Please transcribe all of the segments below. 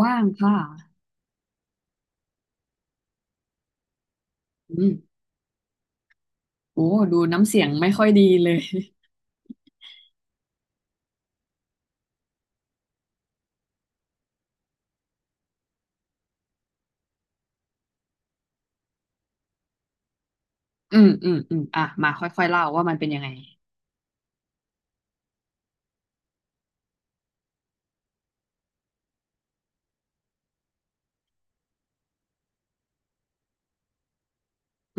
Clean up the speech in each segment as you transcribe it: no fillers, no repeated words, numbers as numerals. ว่างค่ะอืมโอ้ดูน้ำเสียงไม่ค่อยดีเลยอืมอืมอืมอ่ะมาค่อยๆเล่าว่ามันเป็นยังไง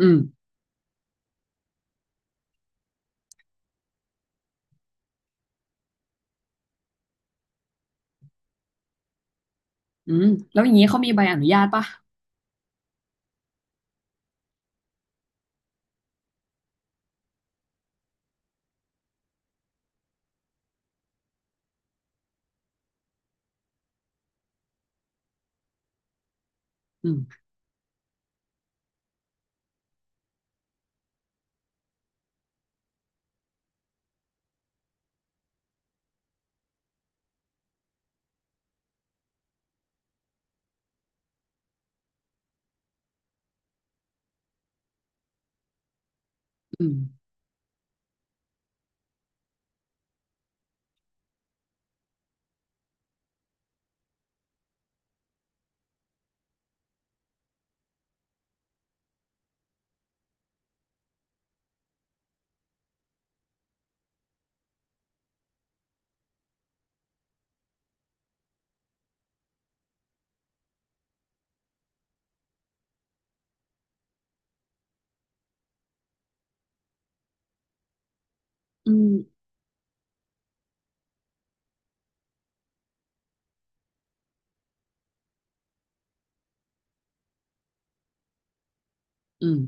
อืมอืมแล้วอย่างนี้เขามีใบอนุญาตปะอืมอืมอืมอืม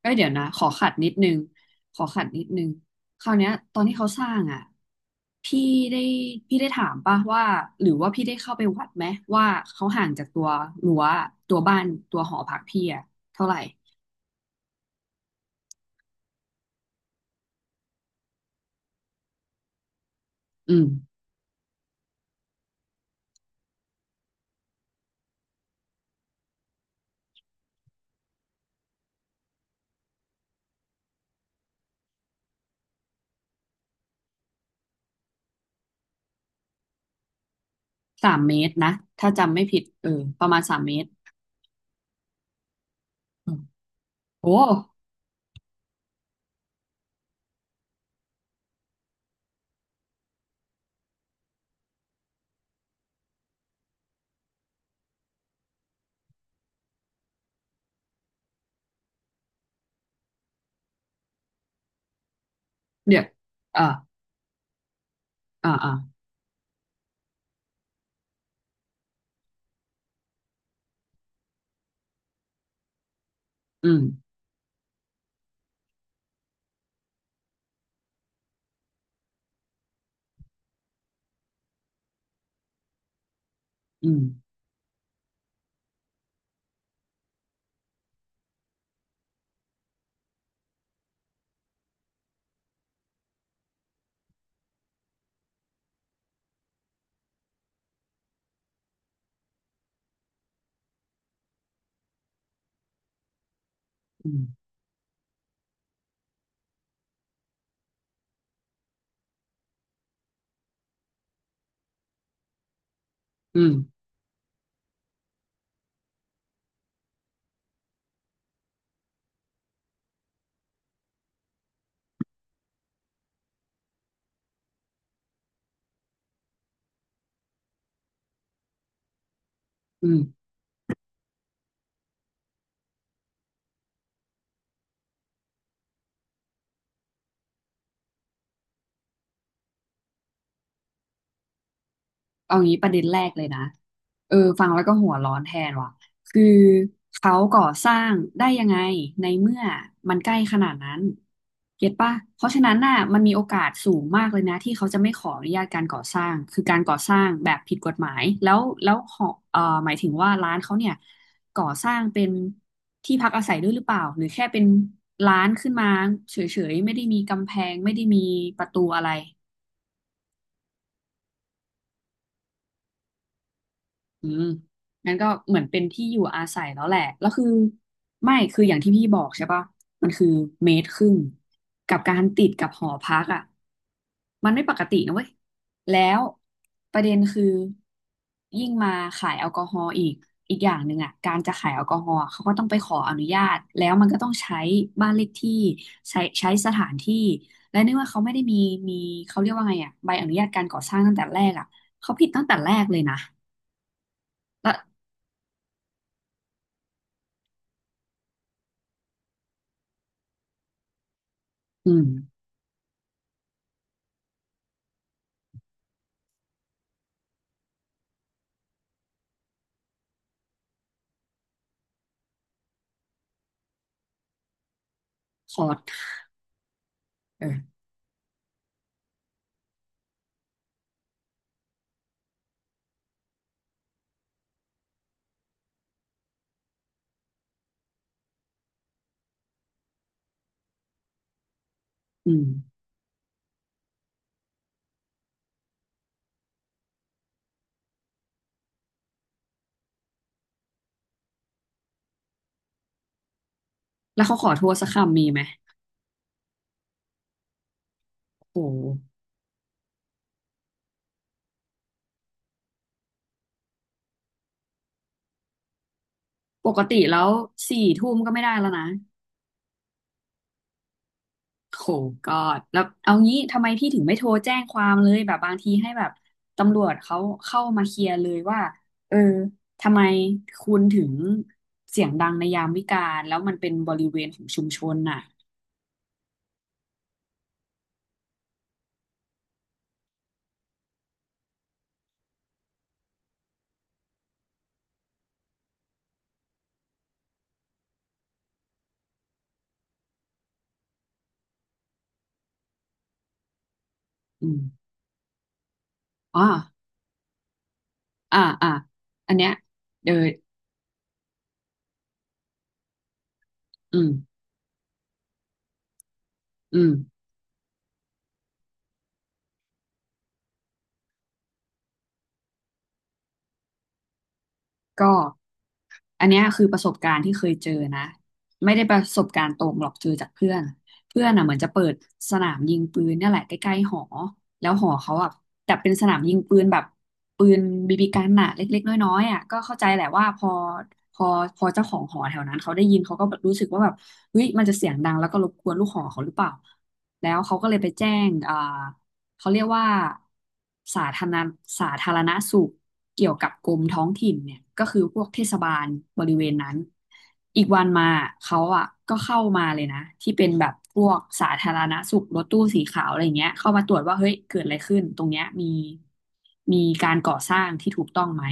เอ้ยเดี๋ยวนะ ขอขัดนิดนึงขอขัดนิดนึงคราวเนี้ยตอนที่เขาสร้างอ่ะ พี่ได้พี่ได้ถามปะว่าหรือว่าพี่ได้เข้าไปวัดไหมว่าเขาห่างจากตัวรั้วตัวบ้านตัวหอพักพี่อ่ะเท่าไหร่ อืมสามเมตรนะ ถ้าจำไม่ผิดเออประมาณ3 เมตร อืมโอ้เดี๋ยอ่าอ่าอ่าอืมอืมอืมอืมอืม เอางี้ประเด็นแรกเลยนะเออฟังแล้วก็หัวร้อนแทนว่ะคือเขาก่อสร้างได้ยังไงในเมื่อมันใกล้ขนาดนั้น เก็ตปะเพราะฉะนั้นน่ะมันมีโอกาสสูงมากเลยนะที่เขาจะไม่ขออนุญาตการก่อสร้างคือการก่อสร้างแบบผิดกฎหมายแล้วหอเอ่อหมายถึงว่าร้านเขาเนี่ยก่อสร้างเป็นที่พักอาศัยด้วยหรือเปล่าหรือแค่เป็นร้านขึ้นมาเฉยๆไม่ได้มีกำแพงไม่ได้มีประตูอะไร อืมงั้นก็เหมือนเป็นที่อยู่อาศัยแล้วแหละแล้วคือไม่คืออย่างที่พี่บอกใช่ปะมันคือเมตรครึ่งกับการติดกับหอพักอ่ะมันไม่ปกตินะเว้ยแล้วประเด็นคือยิ่งมาขายแอลกอฮอล์อีกอีกอย่างหนึ่งอ่ะการจะขายแอลกอฮอล์อะเขาก็ต้องไปขออนุญาตแล้วมันก็ต้องใช้บ้านเลขที่ใช้ใช้สถานที่และเนื่องว่าเขาไม่ได้มีเขาเรียกว่าไงอ่ะใบอนุญาตการก่อสร้างตั้งแต่แรกอ่ะเขาผิดตั้งแต่แรกเลยนะแล้ว อืมขอเอออืมแล้วเขาขอโทษสักคำมีไหมโหปกติแล้วสี่ทุ่มก็ไม่ได้แล้วนะโหกอดแล้วเอางี้ทำไมพี่ถึงไม่โทรแจ้งความเลยแบบบางทีให้แบบตำรวจเขาเข้ามาเคลียร์เลยว่าเออทำไมคุณถึงเสียงดังในยามวิกาลแล้วมันเป็นบริเวณของชุมชนน่ะอืมอ๋ออ่าอ่าอันเนี้ยเดอออืมอืมก็ อันเนี้ยคือประสบการณ์ที่เคยเจอนะไม่ได้ประสบการณ์ตรงหรอกเจอจากเพื่อนเพื่อนอ่ะเหมือนจะเปิดสนามยิงปืนเนี่ยแหละใกล้ๆหอแล้วหอเขาอ่ะแต่เป็นสนามยิงปืนแบบปืนบีบีกันน่ะเล็กๆน้อยๆอ่ะก็เข้าใจแหละว่าพอพอเจ้าของหอแถวนั้นเขาได้ยินเขาก็แบบรู้สึกว่าแบบเฮ้ยมันจะเสียงดังแล้วก็รบกวนลูกหอเขาหรือเปล่าแล้วเขาก็เลยไปแจ้งอ่า เขาเรียกว่าสาธารณสาธารณสุขเกี่ยวกับกรมท้องถิ่นเนี่ยก็คือพวกเทศบาลบริเวณนั้นอีกวันมาเขาอ่ะก็เข้ามาเลยนะที่เป็นแบบพวกสาธารณสุขรถตู้สีขาวอะไรเงี้ยเข้ามาตรวจว่าเฮ้ยเกิดอะไรขึ้นตรงเนี้ยมีการก่อสร้างที่ถูกต้องไหม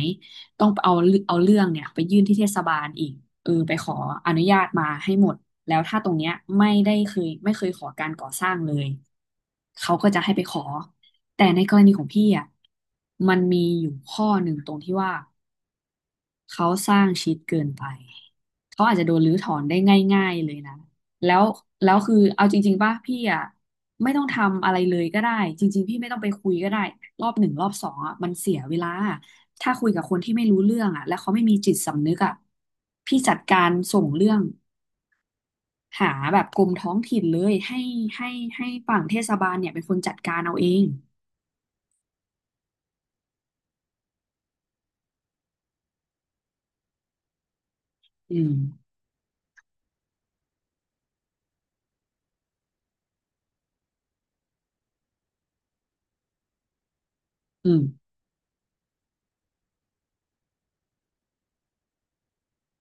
ต้องเอาเรื่องเนี่ยไปยื่นที่เทศบาลอีกเออไปขออนุญาตมาให้หมดแล้วถ้าตรงเนี้ยไม่เคยขอการก่อสร้างเลยเขาก็จะให้ไปขอแต่ในกรณีของพี่อ่ะมันมีอยู่ข้อหนึ่งตรงที่ว่า เขาสร้างชิดเกินไป เขาอาจจะโดนรื้อถอนได้ง่ายๆเลยนะ แล้วแล้วคือเอาจริงๆป่ะพี่อ่ะไม่ต้องทำอะไรเลยก็ได้จริงๆพี่ไม่ต้องไปคุยก็ได้รอบหนึ่งรอบสองอ่ะมันเสียเวลาถ้าคุยกับคนที่ไม่รู้เรื่องอ่ะแล้วเขาไม่มีจิตสำนึกอ่ะพี่จัดการส่งเรื่องหาแบบกรมท้องถิ่นเลยให้ให้ฝั่งเทศบาลเนี่ยเป็นคนจัดการเอาเองอืมอืม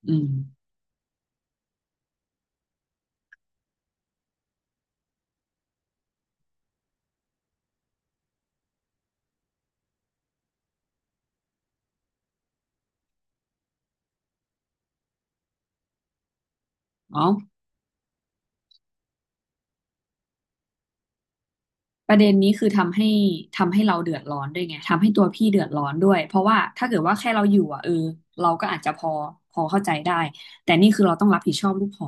อืมอ๋อ ประเด็นนี้คือทำให้เราเดือดร้อนด้วยไงทำให้ตัวพี่เดือดร้อนด้วยเพราะว่าถ้าเกิดว่าแค่เราอยู่อ่ะเออเราก็อาจจะพอเข้าใจได้แต่นี่คือเราต้องรับผิดชอบลูกหอ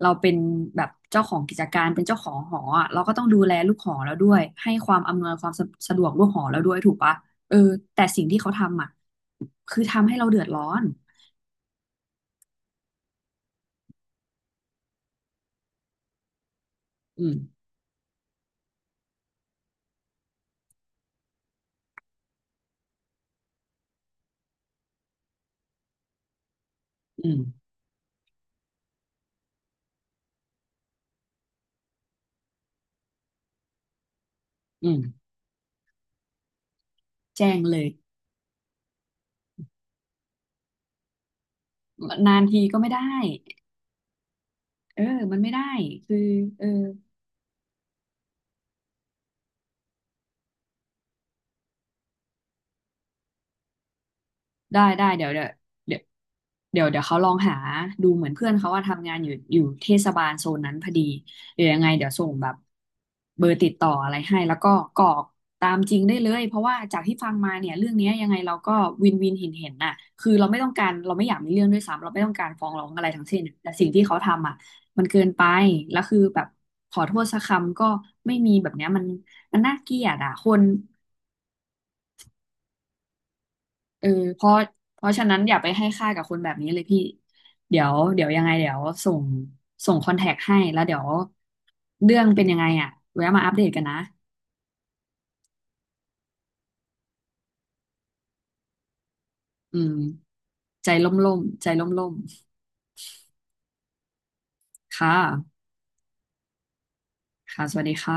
เราเป็นแบบเจ้าของกิจการเป็นเจ้าของหออ่ะเราก็ต้องดูแลลูกหอแล้วด้วยให้ความอำนวยความสะสะดวกลูกหอแล้วด้วยถูกปะเออแต่สิ่งที่เขาทำอ่ะคือทำให้เราเดือดร้อนอืมอืมอืมแจ้งเลยนานทีก็ไม่ได้เออมันไม่ได้คือเออ ได้ได้เดี๋ยวเดี๋ยวเดี๋ยวเขาลองหาดูเหมือนเพื่อนเขาว่าทำงานอยู่เทศบาลโซนนั้นพอดีเดี๋ยวยังไงเดี๋ยวส่งแบบเบอร์ติดต่ออะไรให้แล้วก็กรอกตามจริงได้เลยเพราะว่าจากที่ฟังมาเนี่ยเรื่องเนี้ยยังไงเราก็วินวินเห็นน่ะคือเราไม่ต้องการเราไม่อยากมีเรื่องด้วยซ้ำเราไม่ต้องการฟ้องร้องอะไรทั้งสิ้นแต่สิ่งที่เขาทำอ่ะมันเกินไปแล้วคือแบบขอโทษสักคำก็ไม่มีแบบเนี้ยมันมันน่าเกลียดอ่ะคน เออเพราะเพราะฉะนั้นอย่าไปให้ค่ากับคนแบบนี้เลยพี่เดี๋ยวเดี๋ยวยังไงเดี๋ยวส่งคอนแทคให้แล้วเดี๋ยวเรื่องเป็นยังไงอ่ะแวะมาอัปเดตกันนะอืมใจล่มๆใจล่มๆค่ะค่ะสวัสดีค่ะ